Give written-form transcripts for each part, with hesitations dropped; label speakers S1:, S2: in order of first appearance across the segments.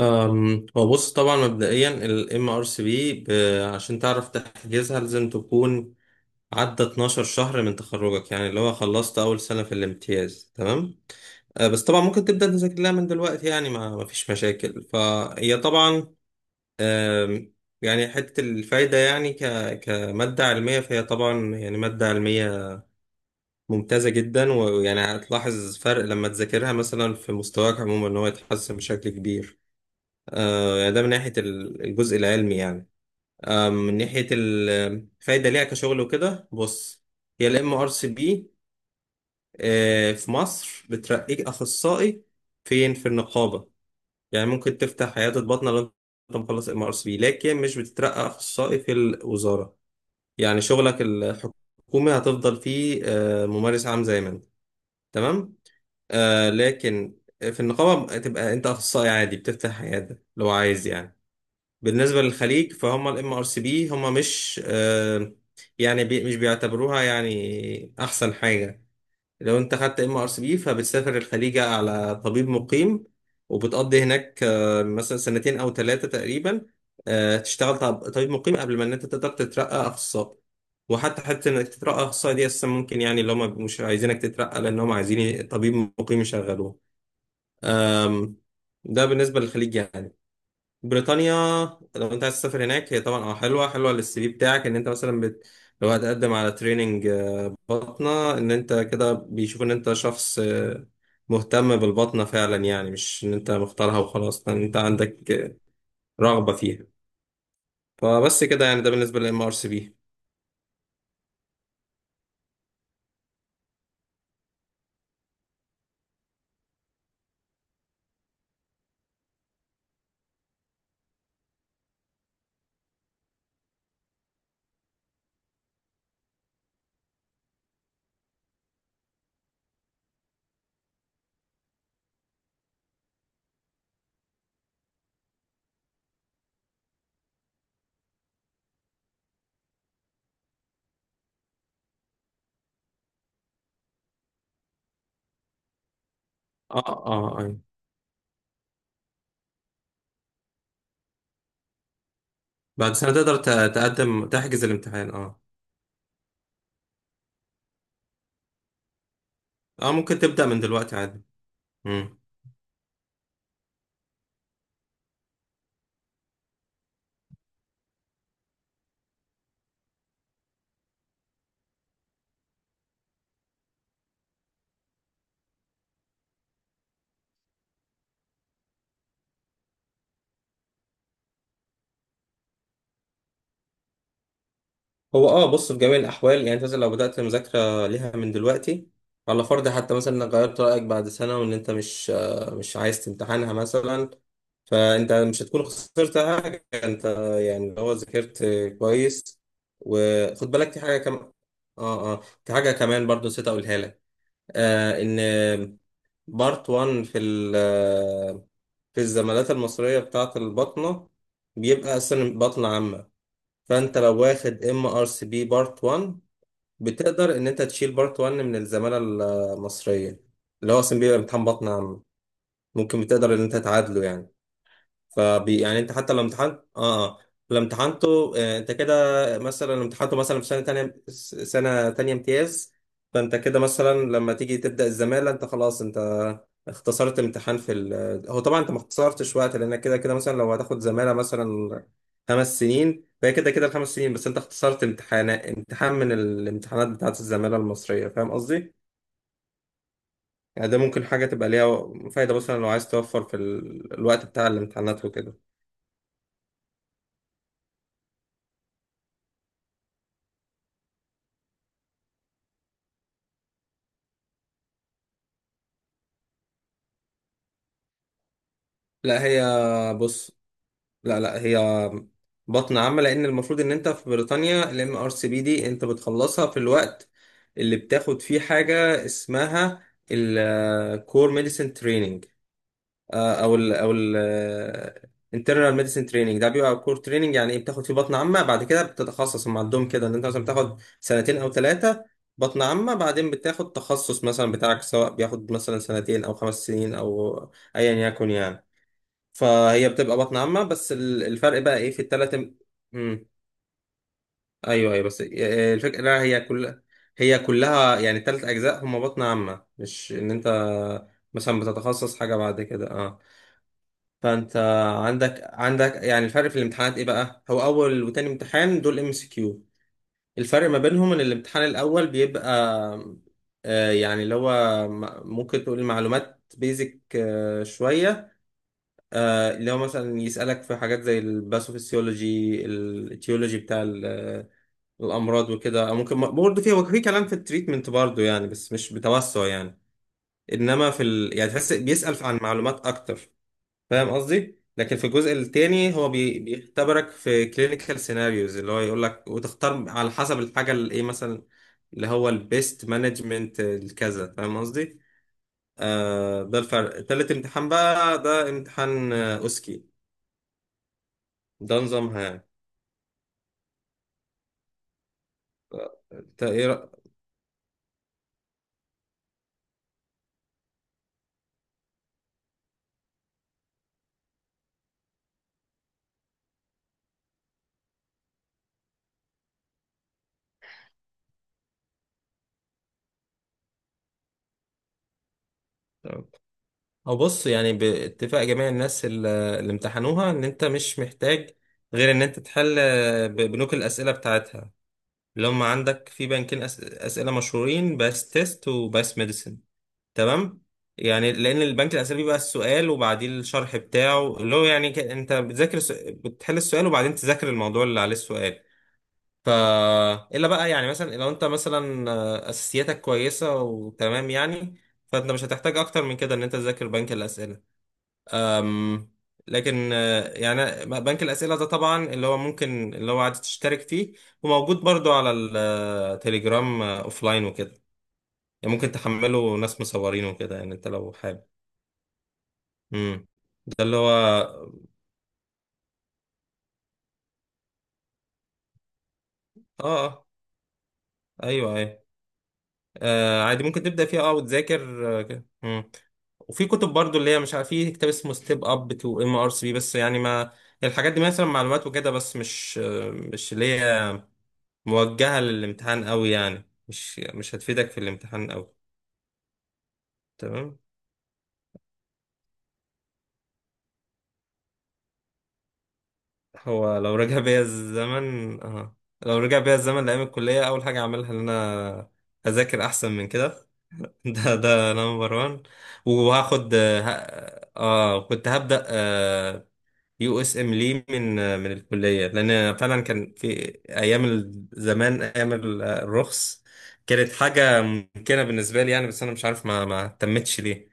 S1: هو بص طبعا مبدئيا ال MRCB عشان تعرف تحجزها لازم تكون عدى 12 شهر من تخرجك، يعني اللي هو خلصت أول سنة في الامتياز. تمام. بس طبعا ممكن تبدأ تذاكر لها من دلوقتي، يعني ما فيش مشاكل. فهي طبعا، أم، يعني حتة الفايدة يعني كمادة علمية، فهي طبعا يعني مادة علمية ممتازة جدا، ويعني هتلاحظ فرق لما تذاكرها مثلا في مستواك عموما، إن هو يتحسن بشكل كبير. يعني ده من ناحية الجزء العلمي يعني. من ناحية الفايدة ليها كشغل وكده، بص، هي ال MRCP، في مصر بترقيك أخصائي، فين؟ في النقابة. يعني ممكن تفتح عيادة بطنة لو أنت مخلص MRCP، لكن مش بتترقى أخصائي في الوزارة. يعني شغلك الحكومي هتفضل فيه ممارس عام زي ما أنت. تمام. لكن في النقابة تبقى أنت أخصائي عادي، بتفتح عيادة لو عايز يعني. بالنسبة للخليج، فهم الام ار سي بي هم مش يعني مش بيعتبروها يعني احسن حاجة. لو انت خدت ام ار سي بي، فبتسافر الخليج على طبيب مقيم، وبتقضي هناك مثلا سنتين او ثلاثة تقريبا. تشتغل طبيب مقيم قبل ما ان انت تقدر تترقى اخصائي. وحتى انك تترقى اخصائي دي اساسا ممكن، يعني اللي هم مش عايزينك تترقى، لان هم عايزين طبيب مقيم يشغلوه. ده بالنسبة للخليج يعني. بريطانيا، لو انت عايز تسافر هناك، هي طبعا حلوه حلوه للسي في بتاعك، ان انت مثلا لو هتقدم على تريننج بطنه، ان انت كده بيشوف ان انت شخص مهتم بالبطنه فعلا، يعني مش ان انت مختارها وخلاص، ان انت عندك رغبه فيها. فبس كده، يعني ده بالنسبه للام ار سي بي. اه اه. آه. آه. بعد سنه تقدر تقدم تحجز الامتحان، اه. اه، ممكن تبدا من دلوقتي عادي. هو، بص، في جميع الاحوال، يعني انت مثلا لو بدات مذاكره ليها من دلوقتي، على فرض حتى مثلا انك غيرت رايك بعد سنه وان انت مش عايز تمتحنها مثلا، فانت مش هتكون خسرت حاجه، انت يعني لو ذاكرت كويس. وخد بالك في حاجه كمان، اه اه، في حاجه كمان برضو نسيت اقولها لك. ان بارت 1 في ال آه، في الزمالات المصريه بتاعه البطنه بيبقى اصلا بطنه عامه. فانت لو واخد ام ار سي بي بارت 1، بتقدر ان انت تشيل بارت 1 من الزمالة المصرية، اللي هو اصلا بيبقى امتحان بطن عام. ممكن بتقدر ان انت تعادله يعني. يعني انت حتى لو امتحنت، اه اه، لو امتحنته انت كده، مثلا لو امتحنته مثلا في سنه تانية امتياز، فانت كده مثلا لما تيجي تبدا الزماله، انت خلاص انت اختصرت امتحان في ال. هو طبعا انت ما اختصرتش وقت، لانك كده كده مثلا لو هتاخد زماله مثلا خمس سنين، فهي كده كده الخمس سنين، بس انت اختصرت امتحان من الامتحانات بتاعت الزماله المصريه. فاهم قصدي؟ يعني ده ممكن حاجه تبقى ليها فايده، مثلا لو عايز توفر في ال... الوقت بتاع الامتحانات وكده. لا، هي، بص، لا لا، هي بطن عامة، لأن المفروض إن أنت في بريطانيا ال MRCP دي أنت بتخلصها في الوقت اللي بتاخد فيه حاجة اسمها ال Core Medicine Training، أو ال Internal Medicine Training. ده بيبقى Core Training، يعني إيه؟ بتاخد فيه بطن عامة، بعد كده بتتخصص. هم عندهم كده، إن أنت مثلا بتاخد سنتين أو ثلاثة بطن عامة، بعدين بتاخد تخصص مثلا بتاعك، سواء بياخد مثلا سنتين أو خمس سنين أو أيا يكن يعني. فهي بتبقى بطن عامة، بس الفرق بقى ايه في التلات. امم ايوه ايوه، بس الفكرة لا، هي كلها، يعني التلات اجزاء هما بطن عامة، مش ان انت مثلا بتتخصص حاجة بعد كده اه. فانت عندك يعني الفرق في الامتحانات ايه بقى؟ هو اول وتاني امتحان دول ام سي كيو. الفرق ما بينهم ان الامتحان الاول بيبقى يعني اللي هو ممكن تقول معلومات بيزك شوية، اللي هو مثلا يسألك في حاجات زي الباثوفيسيولوجي التيولوجي بتاع الأمراض وكده، أو ممكن برضه فيه، هو في كلام في التريتمنت برضه يعني، بس مش بتوسع يعني. إنما في ال، يعني تحس بيسأل عن معلومات أكتر، فاهم قصدي؟ لكن في الجزء التاني هو بيختبرك في كلينيكال سيناريوز، اللي هو يقول لك وتختار على حسب الحاجة اللي إيه مثلا، اللي هو البيست مانجمنت الكذا. فاهم قصدي؟ ده الفرق. تالت امتحان بقى ده امتحان أوسكي، ده نظامها يعني. انت ايه. تمام. او بص، يعني باتفاق جميع الناس اللي امتحنوها، ان انت مش محتاج غير ان انت تحل بنوك الاسئله بتاعتها، اللي هم عندك في بنكين اسئله مشهورين، باس تيست وباس ميديسن. تمام، يعني لان البنك الاسئله بيبقى السؤال وبعديه الشرح بتاعه، اللي هو يعني انت بتذاكر بتحل السؤال، وبعدين تذاكر الموضوع اللي عليه السؤال. ف الا بقى يعني، مثلا لو انت مثلا اساسياتك كويسه وتمام يعني، فانت مش هتحتاج اكتر من كده ان انت تذاكر بنك الاسئله. أم، لكن يعني بنك الاسئله ده طبعا اللي هو ممكن، اللي هو عادي تشترك فيه، وموجود برضو على التليجرام لاين وكده. يعني ممكن تحمله، ناس مصورينه وكده، يعني انت لو حابب. امم ده اللي هو اه آه، ايوه ايوه. عادي، ممكن تبدأ فيها، وتذاكر كده. مم. وفي كتب برضو، اللي هي مش عارف، في كتاب اسمه ستيب اب تو ام ار سي، بس يعني ما الحاجات دي مثلا معلومات وكده، بس مش مش اللي هي موجهة للامتحان قوي، يعني مش هتفيدك في الامتحان قوي. تمام. هو لو رجع بيا الزمن، لو رجع بيا الزمن لأيام الكلية، أول حاجة أعملها إن أنا أذاكر أحسن من كده. ده نمبر وان. وهاخد، كنت هبدأ يو اس ام لي من الكليه، لان فعلا كان في ايام زمان، ايام الرخص، كانت حاجه ممكنه بالنسبه لي يعني، بس انا مش عارف ما اهتمتش ليه.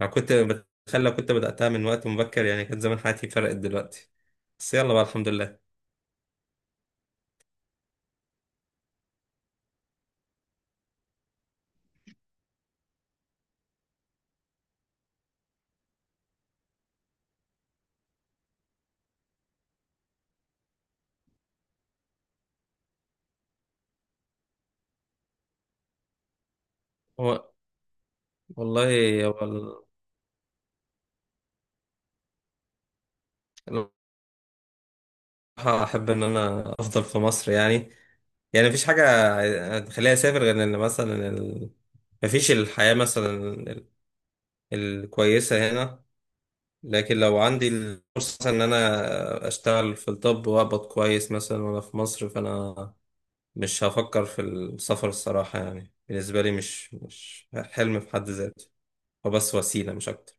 S1: انا كنت بتخيل لو كنت بداتها من وقت مبكر، يعني كان زمان حياتي فرقت دلوقتي. بس يلا بقى، الحمد لله. هو والله، هو الصراحه احب ان انا افضل في مصر يعني. يعني مفيش حاجه تخليني اسافر، غير ان مثلا ال. مفيش الحياه مثلا ال- الكويسه هنا. لكن لو عندي الفرصة مثلا إن أنا أشتغل في الطب وأقبض كويس مثلا وأنا في مصر، فأنا مش هفكر في السفر الصراحة. يعني بالنسبة لي مش حلم في حد ذاته، هو بس وسيلة مش أكتر.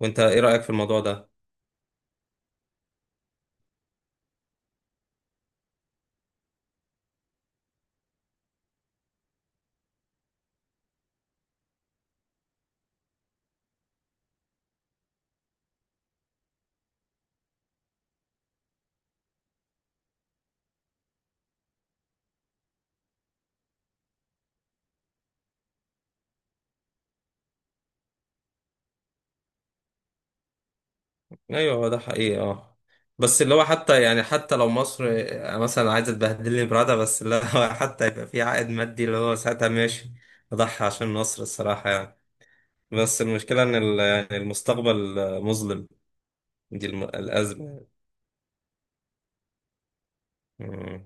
S1: وأنت إيه رأيك في الموضوع ده؟ أيوه، هو ده حقيقي، بس اللي هو حتى يعني، حتى لو مصر مثلا عايزة تبهدلني برادة، بس اللي هو حتى يبقى في عائد مادي اللي هو ساعتها ماشي، أضحي عشان مصر الصراحة يعني. بس المشكلة إن يعني المستقبل مظلم، دي الأزمة. مم.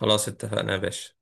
S1: خلاص اتفقنا يا باشا.